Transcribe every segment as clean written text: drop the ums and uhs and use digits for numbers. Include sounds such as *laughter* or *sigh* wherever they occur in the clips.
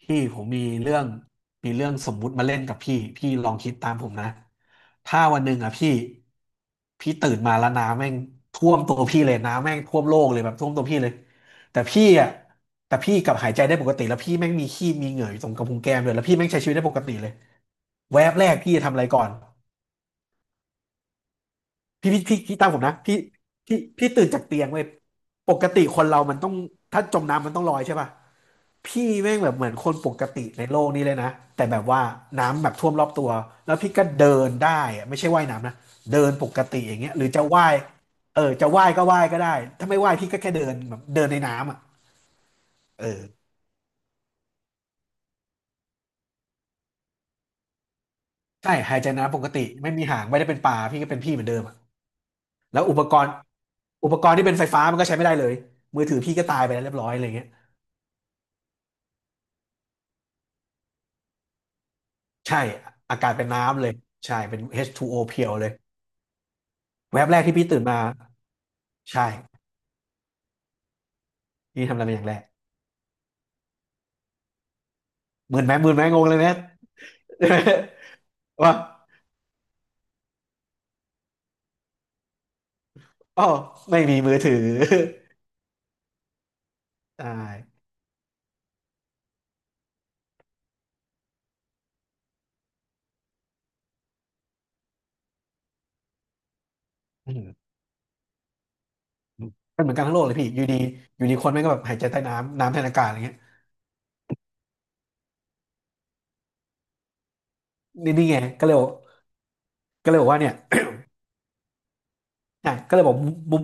พี่ผมมีเรื่องสมมุติมาเล่นกับพี่ลองคิดตามผมนะถ้าวันหนึ่งอ่ะพี่ตื่นมาแล้วน้ำแม่งท่วมตัวพี่เลยน้ำแม่งท่วมโลกเลยแบบท่วมตัวพี่เลยแต่พี่อ่ะแต่พี่กลับหายใจได้ปกติแล้วพี่แม่งมีขี้มีเหงื่ออยู่ตรงกระพุ้งแก้มเลยแล้วพี่แม่งใช้ชีวิตได้ปกติเลยแวบแรกพี่จะทำอะไรก่อน พี่ตามผมนะพี่พี่ตื่นจากเตียงเว้ยปกติคนเรามันต้องถ้าจมน้ำมันต้องลอยใช่ป่ะพี่แม่งแบบเหมือนคนปกติในโลกนี้เลยนะแต่แบบว่าน้ำแบบท่วมรอบตัวแล้วพี่ก็เดินได้อะไม่ใช่ว่ายน้ำนะเดินปกติอย่างเงี้ยหรือจะว่ายเออจะว่ายก็ว่ายก็ได้ถ้าไม่ว่ายพี่ก็แค่เดินแบบเดินในน้ำอ่ะเออใช่หายใจน้ำปกติไม่มีหางไม่ได้เป็นปลาพี่ก็เป็นพี่เหมือนเดิมอะแล้วอุปกรณ์อุปกรณ์ที่เป็นไฟฟ้ามันก็ใช้ไม่ได้เลยมือถือพี่ก็ตายไปแล้วเรียบร้อยอะไรเงี้ย ใช่อากาศเป็นน้ำเลยใช่เป็น H2O เพียวเลยแวบแรกที่พี่ตื่นมาใช่พี่ทำอะไรเป็นอย่างแรกหมืนไหมหมืนไหมงงเลยไหม *laughs* ว่าอ๋อไม่มีมือถือ *laughs* ใช่อืมเป็นเหมือนกันทั้งโลกเลยพี่อยู่ดีอยู่ดีคนแม่งก็แบบหายใจใต้น้ำน้ำแทนอากาศอะไรเงี้ยนี่ไงก็เลยบอกก็เลยบอกว่าเนี่ย อ่ะก็เลยบอกมุม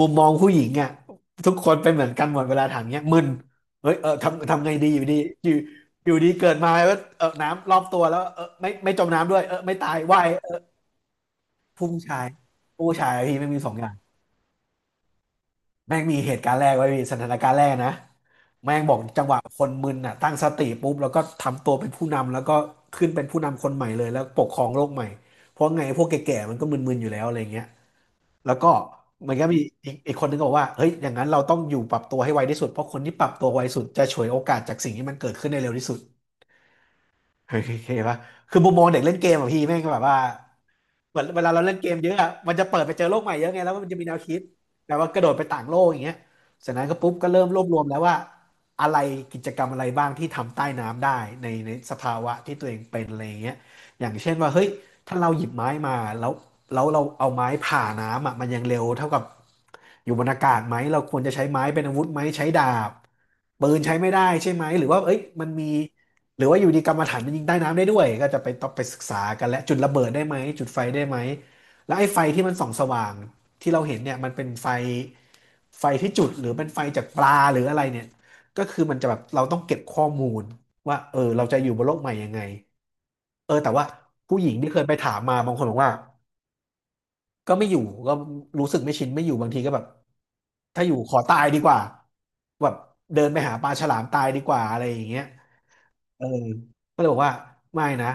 มุมมองผู้หญิงอ่ะทุกคนเป็นเหมือนกันหมดเวลาถามเงี้ยมึนเฮ้ยเออทำทำไงดีอยู่ดีอยู่อยู่ดีเกิดมาแล้วาเออน้ำรอบตัวแล้วเออไม่จมน้ำด้วยเออไม่ตายว่ายเออผู้ชายผู้ชายพี่ไม่งมีสองอย่างแม่งมีเหตุการณ์แรกไว้พี่สถานการณ์แรกนะแม่งบอกจังหวะคนมึนอ่ะตั้งสติปุ๊บแล้วก็ทำตัวเป็นผู้นำแล้วก็ขึ้นเป็นผู้นำคนใหม่เลยแล้วปกครองโลกใหม่เพราะไงพวกแก่ๆมันก็มึนๆอยู่แล้วอะไรเงี้ย แล้วก็มันก็มีอีกคนนึงก็บอกว่าเฮ้ยอย่างนั้นเราต้องอยู่ปรับตัวให้ไวที่สุดเพราะคนที่ปรับตัวไวสุดจะฉวยโอกาสจากสิ่งที่มันเกิดขึ้นได้เร็วที่สุดเฮ้ยเฮปะคือมุมมองเด็กเล่นเกมอะพี่แม่งก็แบบว่า เหมือนเวลาเราเล่นเกมเยอะอะมันจะเปิดไปเจอโลกใหม่เยอะไงแล้วมันจะมีแนวคิดแต่ว่ากระโดดไปต่างโลกอย่างเงี้ยเสร็จนั้นก็ปุ๊บก็เริ่มรวบรวมแล้วว่าอะไรกิจกรรมอะไรบ้างที่ทำใต้น้ำได้ในสภาวะที่ตัวเองเป็นอะไรอย่างเงี้ยอย่างเช่นว่าเฮ้ยถ้าเราหยิบไม้มาแล้วแล้วเราเอาไม้ผ่าน้ำอะมันยังเร็วเท่ากับอยู่บนอากาศไหมเราควรจะใช้ไม้เป็นอาวุธไหมใช้ดาบปืนใช้ไม่ได้ใช่ไหมหรือว่าเอ้ยมันมี หรือว่าอยู่ดีกรรมฐานมันยิงใต้น้ำได้ด้วยก็จะไปต้องไปศึกษากันและจุดระเบิดได้ไหมจุดไฟได้ไหมแล้วไอ้ไฟที่มันส่องสว่างที่เราเห็นเนี่ยมันเป็นไฟไฟที่จุดหรือเป็นไฟจากปลาหรืออะไรเนี่ยก็คือมันจะแบบเราต้องเก็บข้อมูลว่าเออเราจะอยู่บนโลกใหม่ยังไงเออแต่ว่าผู้หญิงที่เคยไปถามมาบางคนบอกว่าก็ไม่อยู่ก็รู้สึกไม่ชินไม่อยู่บางทีก็แบบถ้าอยู่ขอตายดีกว่าแบบเดินไปหาปลาฉลามตายดีกว่าอะไรอย่างเงี้ย เออก็เลยบอกว่าไม่นะ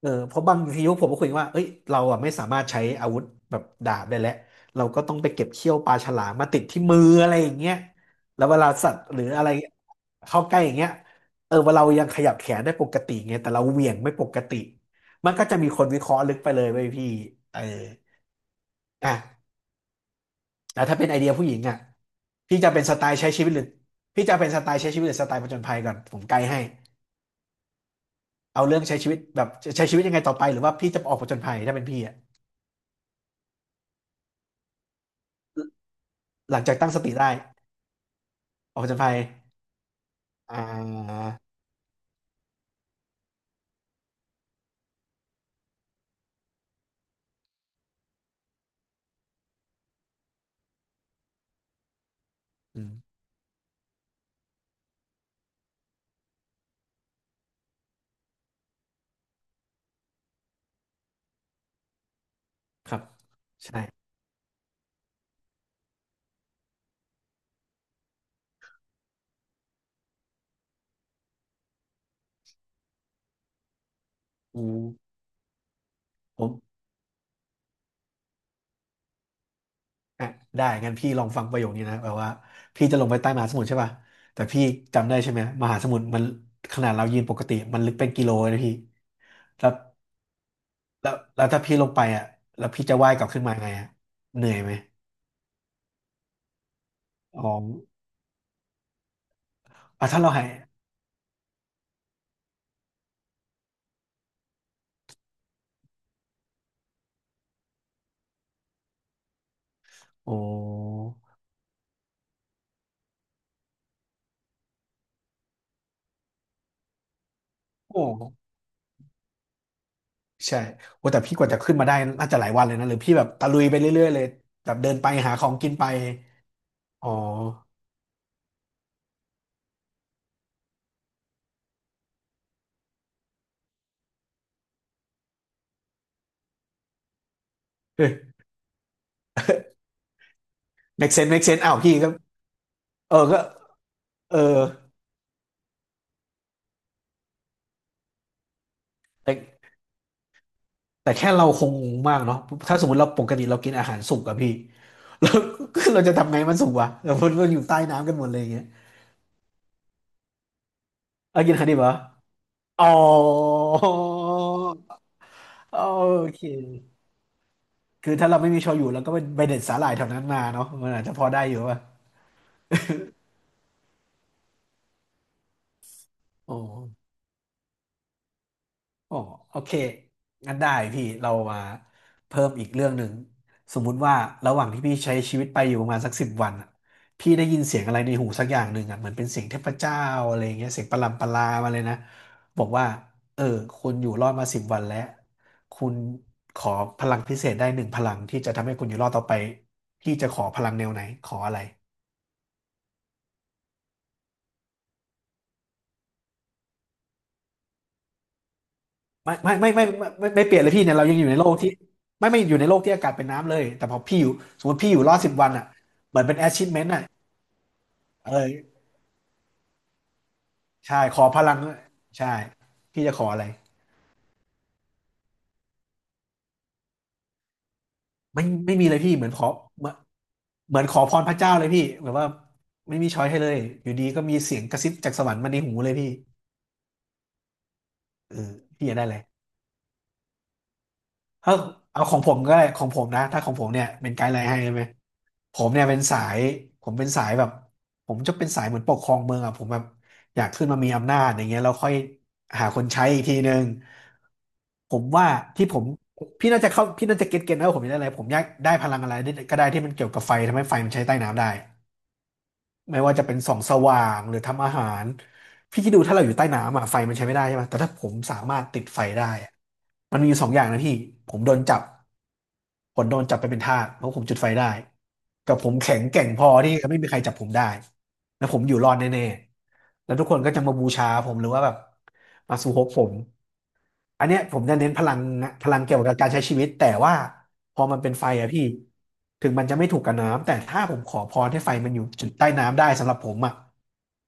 เออเพราะบางทียุคผมก็คุยกันว่าเอ้ยเราอ่ะไม่สามารถใช้อาวุธแบบดาบได้แล้วเราก็ต้องไปเก็บเขี้ยวปลาฉลามมาติดที่มืออะไรอย่างเงี้ยแล้วเวลาสัตว์หรืออะไรเข้าใกล้อย่างเงี้ยเออว่าเรายังขยับแขนได้ปกติไงแต่เราเหวี่ยงไม่ปกติมันก็จะมีคนวิเคราะห์ลึกไปเลยเว้ยพี่เอออ่ะแต่ถ้าเป็นไอเดียผู้หญิงอ่ะพี่จะเป็นสไตล์ใช้ชีวิตหรือพี่จะเป็นสไตล์ใช้ชีวิตหรือสไตล์ผจญภัยก่อนผมไกด์ให้ เอาเรื่องใช้ชีวิตแบบใช้ชีวิตยังไงต่อไปหรือว่าพี่จะออกผจญภัยถ้าเป็นพี่อะหลังจากตั้งสติได้ออกผจญภัยอ่าอืมครับใช่อูผมอ่ะได้งั้นพี่ลองฟังประโยคนี้นะแบบว่าพี่จะลงไปใต้มหาสมุทรใช่ป่ะแต่พี่จำได้ใช่ไหมมหาสมุทรมันขนาดเรายืนปกติมันลึกเป็นกิโลเลยนะพี่แล้วแล้วถ้าพี่ลงไปอ่ะแล้วพี่จะว่ายกลับขึ้นมาไงอ่ะเหนื่อยไหมอ๋ออ่ะถ้าเราหายโอ้โห ใช่โอ้แต่พี่กว่าจะขึ้นมาได้น่าจะหลายวันเลยนะหรือพี่แบบตะลุยไปเรื่อยๆเลยแบบเดินไปหาของกินไปอ๋อเอ้ย make sense make sense อ้าวพี่ก็เออก็เออแต่แต่แค่เราคงงงมากเนาะถ้าสมมติเราปกติเรากินอาหารสุกอะพี่ *laughs* เราเราจะทำไงมันสุกวะเรามันอยู่ใต้น้ำกันหมดเลยอย่างเงี้ยเอากินคันิบเหรออ๋อโอเคคือถ้าเราไม่มีโชยุเราก็ไปเด็ดสาหร่ายแถวนั้นมาเนาะมันอาจจะพอได้อยู่ป่ะอ๋อ โอ้โอเคงั้นได้พี่เรามาเพิ่มอีกเรื่องหนึ่งสมมุติว่าระหว่างที่พี่ใช้ชีวิตไปอยู่ประมาณสักสิบวันอะพี่ได้ยินเสียงอะไรในหูสักอย่างหนึ่งอ่ะเหมือนเป็นเสียงเทพเจ้าอะไรอย่างเงี้ยเสียงประหลำประลามาเลยนะบอกว่าเออคุณอยู่รอดมาสิบวันแล้วคุณขอพลังพิเศษได้หนึ่งพลังที่จะทำให้คุณอยู่รอดต่อไปพี่จะขอพลังแนวไหนขออะไร ไม่ไม่ไม่ไม่ไม่ไม่ไม่เปลี่ยนเลยพี่เนี่ยเรายังอยู่ในโลกที่ไม่ไม่อยู่ในโลกที่อากาศเป็นน้ำเลยแต่พอพี่อยู่สมมติพี่อยู่รอดสิบวันอ่ะเหมือนเป็น achievement อ่ะเออใช่ขอพลังใช่พี่จะขออะไรไม่ไม่มีเลยพี่เหมือนขอเหมือนขอพรพระเจ้าเลยพี่แบบว่าไม่มีช้อยให้เลยอยู่ดีก็มีเสียงกระซิบจากสวรรค์มาในหูเลยพี่เออพี่อยากได้อะไร เอาเอาของผมก็ได้ของผมนะถ้าของผมเนี่ยเป็นไกด์ไลน์ให้ใช่ไหมผมเนี่ยเป็นสายผมเป็นสายแบบผมจะเป็นสายเหมือนปกครองเมืองอ่ะผมแบบอยากขึ้นมามีอำนาจอย่างเงี้ยเราค่อยหาคนใช้อีกทีนึงผมว่าที่ผมพี่น่าจะเข้าพี่น่าจะเก็ตนะว่าผมอยากได้อะไรผมอยากได้พลังอะไรก็ได้ที่มันเกี่ยวกับไฟทำให้ไฟมันใช้ใต้น้ำได้ ไม่ว่าจะเป็นส่องสว่างหรือทำอาหารพี่คิดดูถ้าเราอยู่ใต้น้ำอะไฟมันใช้ไม่ได้ใช่ไหมแต่ถ้าผมสามารถติดไฟได้อะมันมีอยู่สองอย่างนะพี่ผมโดนจับผมโดนจับไปเป็นทาสเพราะผมจุดไฟได้กับผมแข็งแกร่งพอที่ไม่มีใครจับผมได้แล้วผมอยู่รอดแน่ๆแล้วทุกคนก็จะมาบูชาผมหรือว่าแบบมาสู่ฮกผม อันเนี้ยผมจะเน้นพลังนะพลังเกี่ยวกับการใช้ชีวิตแต่ว่าพอมันเป็นไฟอะพี่ถึงมันจะไม่ถูกกับน้ำแต่ถ้าผมขอพรให้ไฟมันอยู่จุดใต้น้ำได้สำหรับผมอะ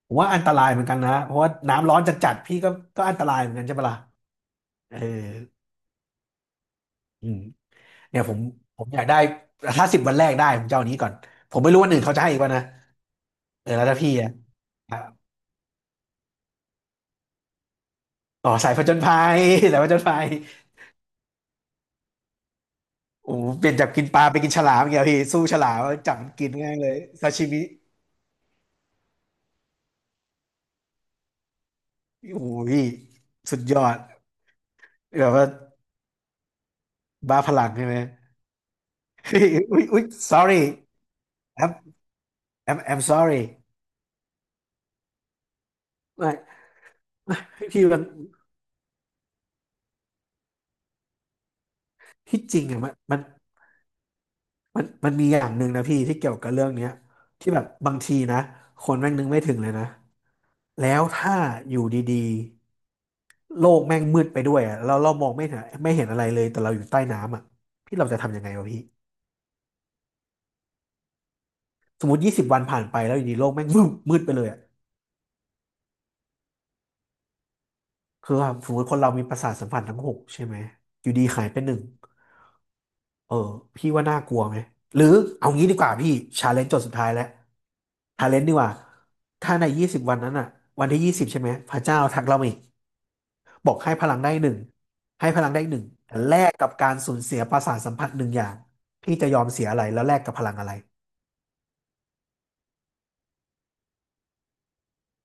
ผมว่าอันตรายเหมือนกันนะเพราะว่าน้ำร้อนจัดๆพี่ก็ก็อันตรายเหมือนกันใช่ปะล่ะเอออืมเนี่ยผมอยากได้ถ้าสิบวันแรกได้ผมจะเอาอันนี้ก่อนผมไม่รู้วันอื่นเขาจะให้อีกป่ะนะเออแล้วถ้าพี่อะอ๋อสายผจญภัย *laughs* สายผจญภัยโอ้โหเปลี่ยนจากกินปลาไปกินฉลามอย่างเงี้ยพี่สู้ฉลามจับมันกินง่ายเลยซาชิมิ โอ้ยสุดยอดแบบว่าบ้าพลังใช่ไหมเฮ้ย *laughs* อุ้ยอุ้ย sorry I'm I'm sorry ไม่พี่มันที่จริงอะมันมันมีอย่างหนึ่งนะพี่ที่เกี่ยวกับเรื่องเนี้ยที่แบบบางทีนะคนแม่งนึกไม่ถึงเลยนะแล้วถ้าอยู่ดีๆโลกแม่งมืดไปด้วยอะแล้วเรามองไม่เห็นอะไรเลยแต่เราอยู่ใต้น้ำอะพี่เราจะทำยังไงวะพี่สมมติ20 วันผ่านไปแล้วอยู่ดีโลกแม่ง *laughs* มืดมืดไปเลยอะ คือแบบสมมติคนเรามีประสาทสัมผัสทั้งหกใช่ไหมอยู่ดีหายไปหนึ่งเออพี่ว่าน่ากลัวไหมหรือเอางี้ดีกว่าพี่ชาเลนจ์จดสุดท้ายแล้วชาเลนจ์ดีกว่าถ้าในยี่สิบวันนั้นอ่ะวันที่ยี่สิบใช่ไหมพระเจ้าทักเรามาอีกบอกให้พลังได้หนึ่งให้พลังได้หนึ่งแต่แลกกับการสูญเสียประสาทสัมผัสหนึ่งอย่างพี่จะยอมเสียอะไรแล้วแลกกับพลังอะไร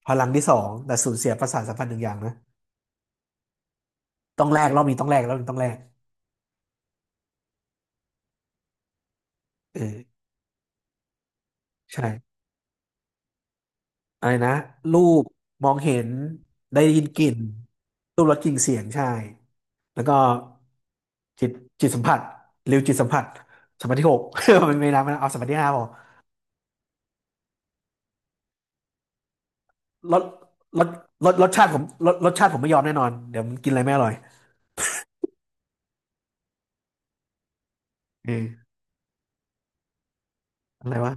พลังที่สองแต่สูญเสียประสาทสัมผัสหนึ่งอย่างนะต้องแลกรอบนี้ต้องแลกรอบนี้ต้องแลกเออใช่ อะไรนะรูปมองเห็นได้ยินกลิ่นรูปรสกลิ่นเสียงใช่แล้วก็จิตจิตสัมผัสริวจิตสัมผัสสัมผัสที่หก *laughs* มันไม่นับไม่นะเอาสัมผัสที่ห้าพอรสรสรสชาติผมรสรสชาติผมไม่ยอมแน่นอนเดี๋ยวมันกินอะไรไม่อร่อยเอออะไรวะ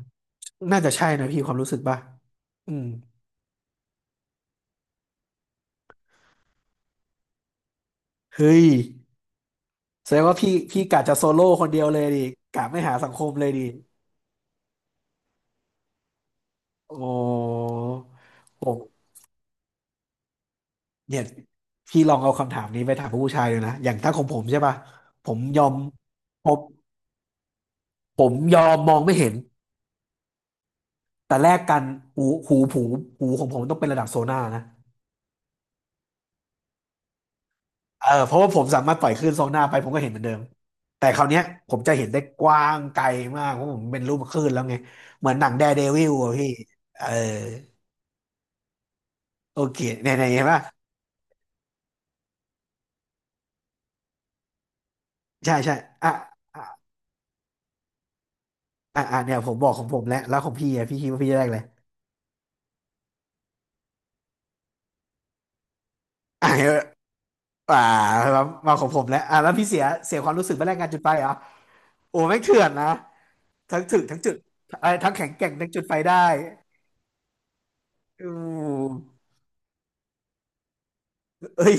น่าจะใช่นะพี่ความรู้สึกป่ะอืมเฮ้ยแสดงว่าพี่กะจะโซโล่คนเดียวเลยดิกะไม่หาสังคมเลยดิโอ้โห เนี่ยพี่ลองเอาคำถามนี้ไปถามผู้ชายเลยนะอย่างถ้าของผมใช่ป่ะผมยอมผมผมยอมมองไม่เห็นแต่แลกกันหูหูหูของผมต้องเป็นระดับโซน่านะเออเพราะว่าผมสามารถปล่อยคลื่นโซน่าไปผมก็เห็นเหมือนเดิมแต่คราวเนี้ยผมจะเห็นได้กว้างไกลมากเพราะผมเป็นรูปคลื่นแล้วไงเหมือนหนังแดร์เดวิลอะพี่เออโอเคเนี่ยเนี่ยเห็นป่ะใช่ใช่อ่ะอ่ะอ่ะอ่ะเนี่ยผมบอกของผมแล้วแล้วของพี่อะพี่คิดว่าพี่จะได้อะไรอ่ะ อ่ามามาของผมแล้วอ่าแล้วพี่เสียความรู้สึกไปแรกงานจุดไฟเหรอโอ้ไม่งเถื่อนนะทั้งถึกทั้งจุดเอ้ยทั้งแข็งแกร่งทั้งจุดไฟได้อู้เอ้ย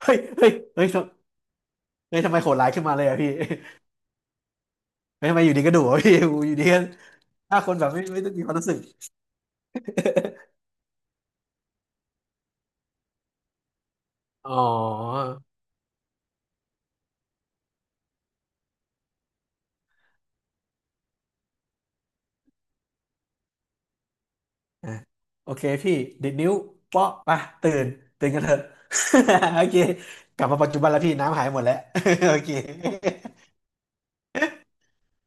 เฮ้ยทำเฮ้ยทำไมโหดร้ายขึ้นมาเลยอะพี่เฮ้ยทำไมอยู่ดีก็ดุอะพี่อู้อยู่ดีก็ถ้าคนแบบไม่ต้องมีความรู้สึก *laughs* อ๋ออ่ะโอเคพี่ดิดนิ้วเปาะไปตื่นตื่นกันเถอะ *laughs* โอเคกลับมาปัจจุบันแล้วพี่น้ำหายหมดแล้ว *laughs* โอเค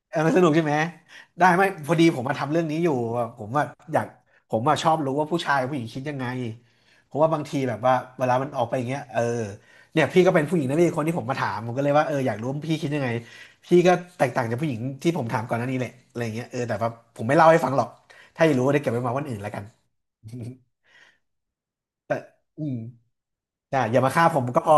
เออมันสนุกใช่ไหมได้ไหมพอดีผมมาทำเรื่องนี้อยู่อะผมว่าอยากผมว่าชอบรู้ว่าผู้ชายผู้หญิงคิดยังไงเพราะว่าบางทีแบบว่าเวลามันออกไปอย่างเงี้ยเออเนี่ยพี่ก็เป็นผู้หญิงนะพี่คนที่ผมมาถามผมก็เลยว่าเอออยากรู้ว่าพี่คิดยังไงพี่ก็แตกต่างจากผู้หญิงที่ผมถามก่อนหน้านี้แหละอะไรอย่างเงี้ยเออแต่ว่าผมไม่เล่าให้ฟังหรอกถ้าอยากรู้ได้เก็บไว้มาวันอื่นแล้วกัน *laughs* แต่อืมอ่ะอย่ามาฆ่าผมก็พอ